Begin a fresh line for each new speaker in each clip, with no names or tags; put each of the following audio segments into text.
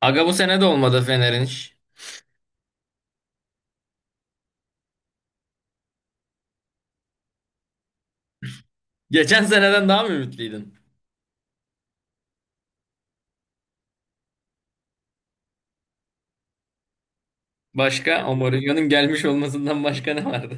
Aga bu sene de olmadı Fener'in iş. Geçen seneden daha mı ümitliydin? Başka? O Mourinho'nun gelmiş olmasından başka ne vardı?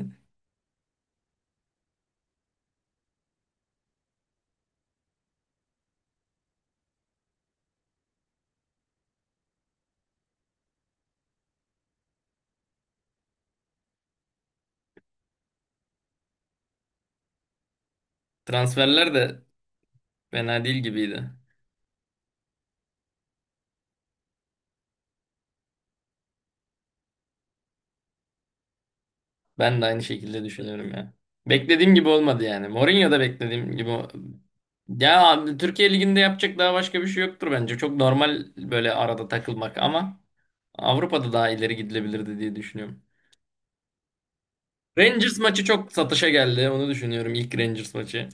Transferler de fena değil gibiydi. Ben de aynı şekilde düşünüyorum ya. Beklediğim gibi olmadı yani. Mourinho da beklediğim gibi. Ya abi, Türkiye Ligi'nde yapacak daha başka bir şey yoktur bence. Çok normal böyle arada takılmak ama Avrupa'da daha ileri gidilebilirdi diye düşünüyorum. Rangers maçı çok satışa geldi. Onu düşünüyorum ilk Rangers maçı.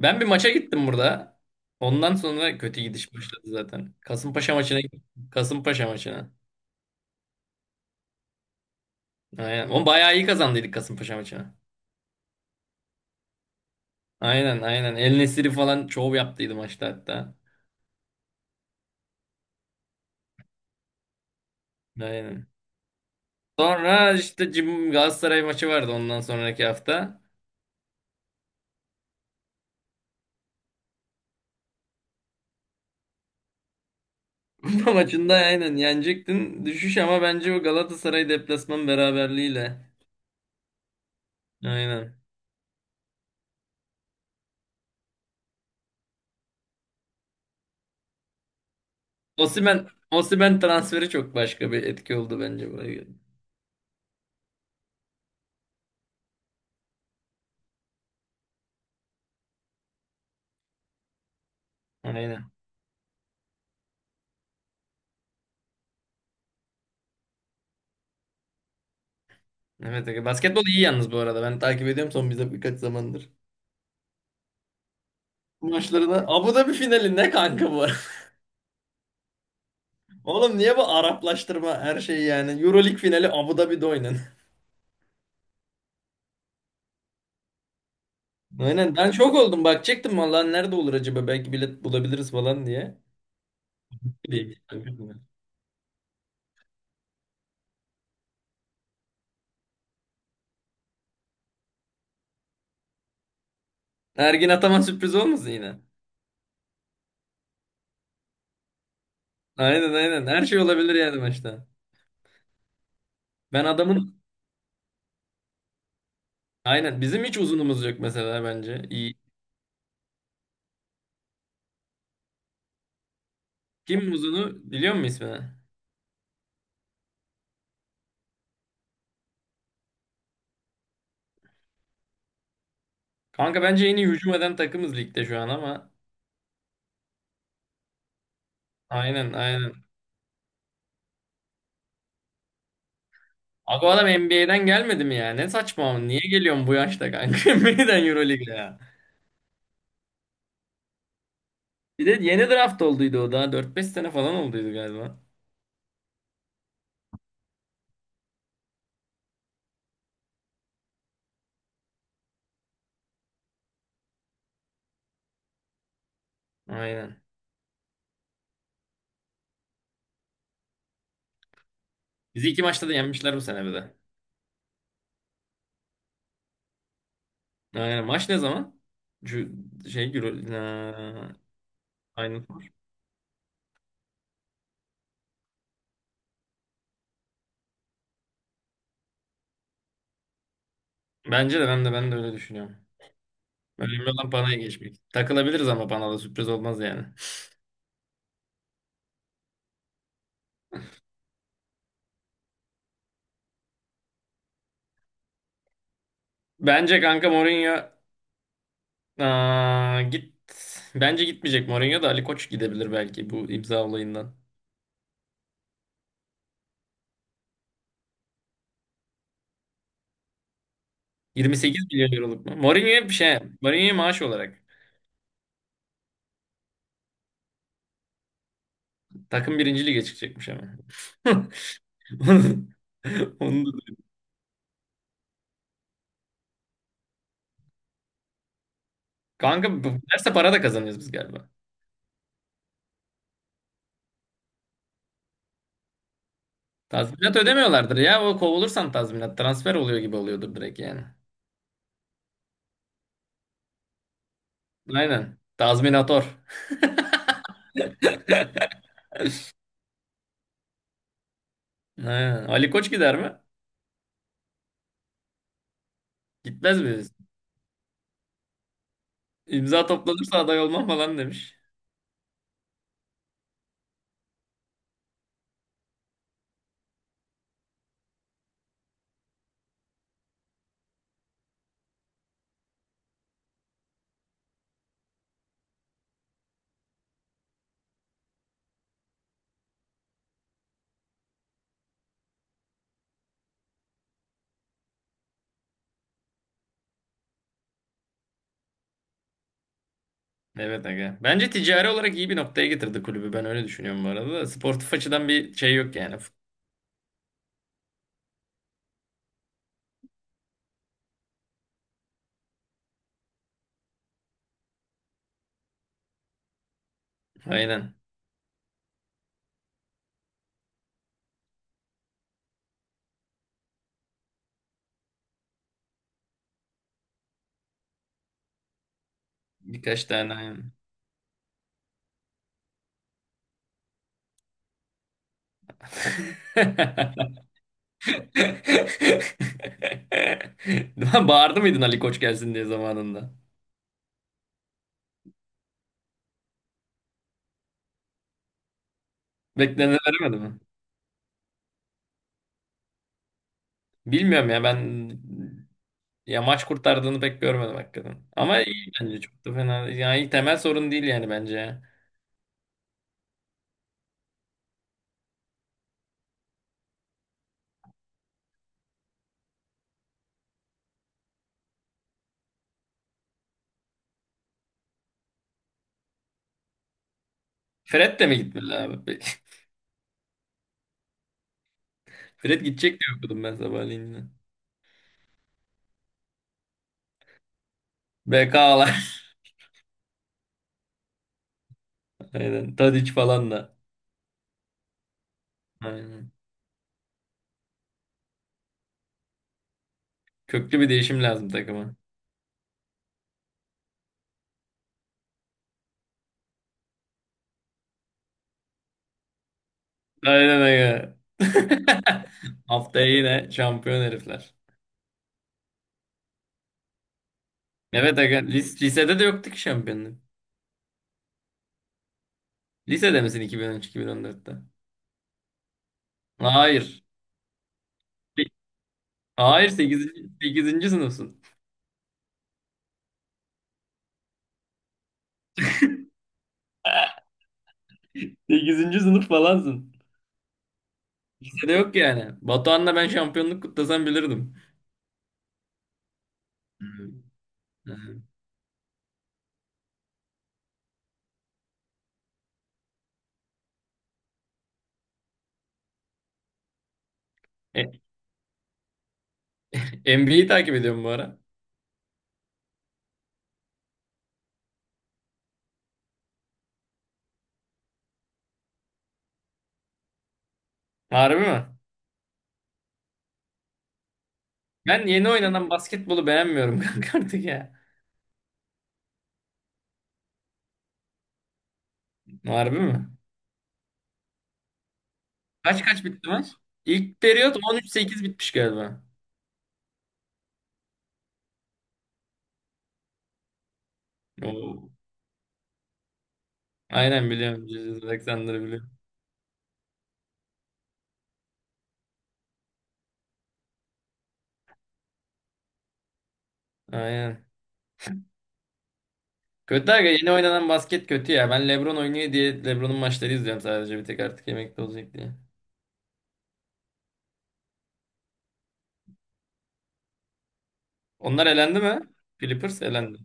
Ben bir maça gittim burada. Ondan sonra kötü gidiş başladı zaten. Kasımpaşa maçına gittim. Kasımpaşa maçına. Aynen. O bayağı iyi kazandıydık Kasımpaşa maçına. Aynen, aynen. El Nesiri falan şov yaptıydı maçta hatta. Aynen. Sonra işte Galatasaray maçı vardı ondan sonraki hafta. Bu maçında aynen yenecektin. Düşüş ama bence o Galatasaray deplasman beraberliğiyle. Aynen. Osimhen, Osimhen transferi çok başka bir etki oldu bence buraya. Aynen. Evet, Ege. Basketbol iyi yalnız bu arada. Ben takip ediyorum son bize birkaç zamandır. Maçlarına. Abu Dhabi finali ne kanka bu? Oğlum niye bu Araplaştırma her şey yani? Euroleague finali Abu Dhabi'de oynan. Aynen, ben şok oldum bak çektim vallahi nerede olur acaba belki bilet bulabiliriz falan diye. Değil. Ergin Ataman sürpriz olmasın yine. Aynen, aynen, her şey olabilir yani maçta. Ben adamın aynen bizim hiç uzunumuz yok mesela bence. İyi. Kim uzunu biliyor musun ismini? Kanka bence en iyi hücum eden takımız ligde şu an ama aynen, aynen. Abi o adam NBA'den gelmedi mi ya? Ne saçma. Niye geliyorsun bu yaşta kanka? NBA'den Euroleague'e ya. Bir de yeni draft olduydu o daha. Dört beş sene falan olduydu galiba. Aynen. Bizi iki maçta da yenmişler bu sene bir de. Aynen. Maç ne zaman? Şu Ha, aynen. Bence de ben de öyle düşünüyorum. Önemli olan Pana'ya geçmek. Takılabiliriz ama Pana'da sürpriz olmaz yani. Bence kanka Mourinho. Aa, git. Bence gitmeyecek Mourinho da Ali Koç gidebilir belki bu imza olayından. 28 milyon euroluk mu? Mourinho'ya bir şey. Mourinho'ya maaş olarak. Takım birinci lige çıkacakmış ama. Onu onu da duydum. Kanka bu- derse para da kazanıyoruz biz galiba. Tazminat ödemiyorlardır ya. O kovulursan tazminat. Transfer oluyor gibi oluyordur direkt yani. Aynen. Tazminator. Aynen. Ali Koç gider mi? Gitmez mi? İmza toplanırsa aday olmam falan demiş. Evet aga. Bence ticari olarak iyi bir noktaya getirdi kulübü. Ben öyle düşünüyorum bu arada. Da. Sportif açıdan bir şey yok yani. Aynen. Birkaç tane aynen. Bağırdı mıydın Ali Koç gelsin diye zamanında? Bekleneni veremedi mi? Bilmiyorum ya ben. Ya maç kurtardığını pek görmedim hakikaten. Ama iyi bence, çok da fena. Yani temel sorun değil yani bence ya. Fred de mi gitmeli abi? Fred gidecek diye okudum ben sabahleyin. Yine. BK'lar. Aynen. Tadic falan da. Aynen. Köklü bir değişim lazım takıma. Aynen öyle. Haftaya yine şampiyon herifler. Evet aga, lisede de yoktu ki şampiyonluk. Lisede misin 2013-2014'te? Hayır. Li- Hayır, sekizinci sınıfsın. Sekizinci sınıf falansın. Lisede yok yani. Batuhan'la ben şampiyonluk kutlasam bilirdim. Hı. E, NBA'yi takip ediyorum bu ara. Harbi mi? Ben yeni oynanan basketbolu beğenmiyorum kanka artık ya. Harbi mi? Kaç kaç bitti maç? İlk periyot 13-8 bitmiş galiba. Oo. Aynen biliyorum. Julius Alexander'ı biliyorum. Aynen. Kötü aga, yeni oynanan basket kötü ya. Ben LeBron oynuyor diye LeBron'un maçları izliyorum sadece bir tek artık emekli olacak diye. Onlar elendi mi? Clippers elendi.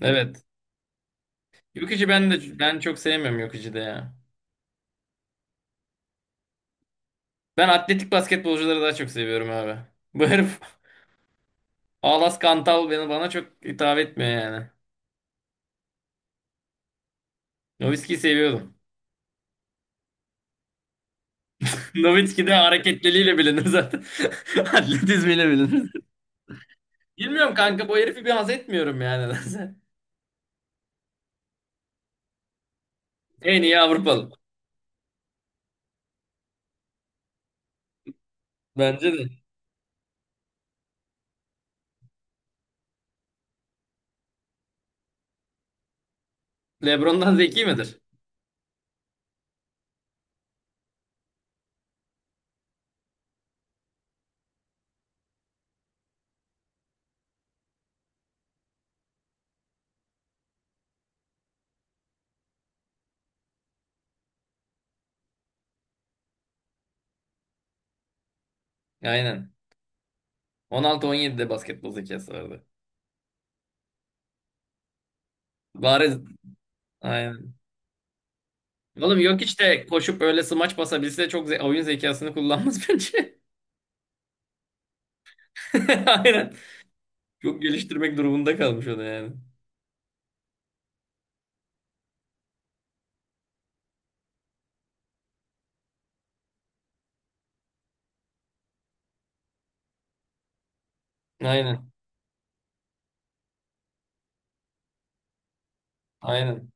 Evet. Jokic'i ben de çok sevmiyorum Jokic'i de ya. Ben atletik basketbolcuları daha çok seviyorum abi. Bu herif Alas Kantal beni bana çok hitap etmiyor yani. Nowitzki'yi seviyordum. Nowitzki de hareketliliğiyle bilinir zaten. Atletizmiyle bilinir. Bilmiyorum kanka, bu herifi bir haz etmiyorum yani. En iyi Avrupalı. Bence de. LeBron'dan zeki midir? Aynen. 16-17'de basketbol zekası vardı. Bariz. Aynen. Oğlum yok işte koşup öyle smaç basabilse çok oyun zekasını kullanmaz bence. Aynen. Çok geliştirmek durumunda kalmış o da yani. Aynen. Aynen.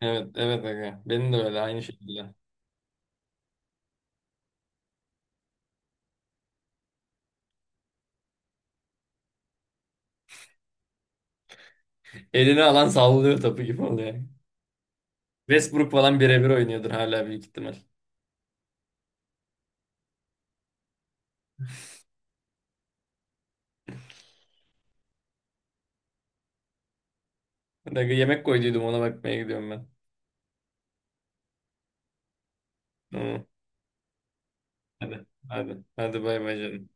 Evet, evet aga. Benim de öyle, aynı şekilde. Elini alan sallıyor topu gibi oluyor. Westbrook falan birebir oynuyordur hala büyük ihtimal. Aga yemek koyduydum, ona bakmaya gidiyorum ben. Tamam. Hadi. Hadi. Hadi bay bay canım.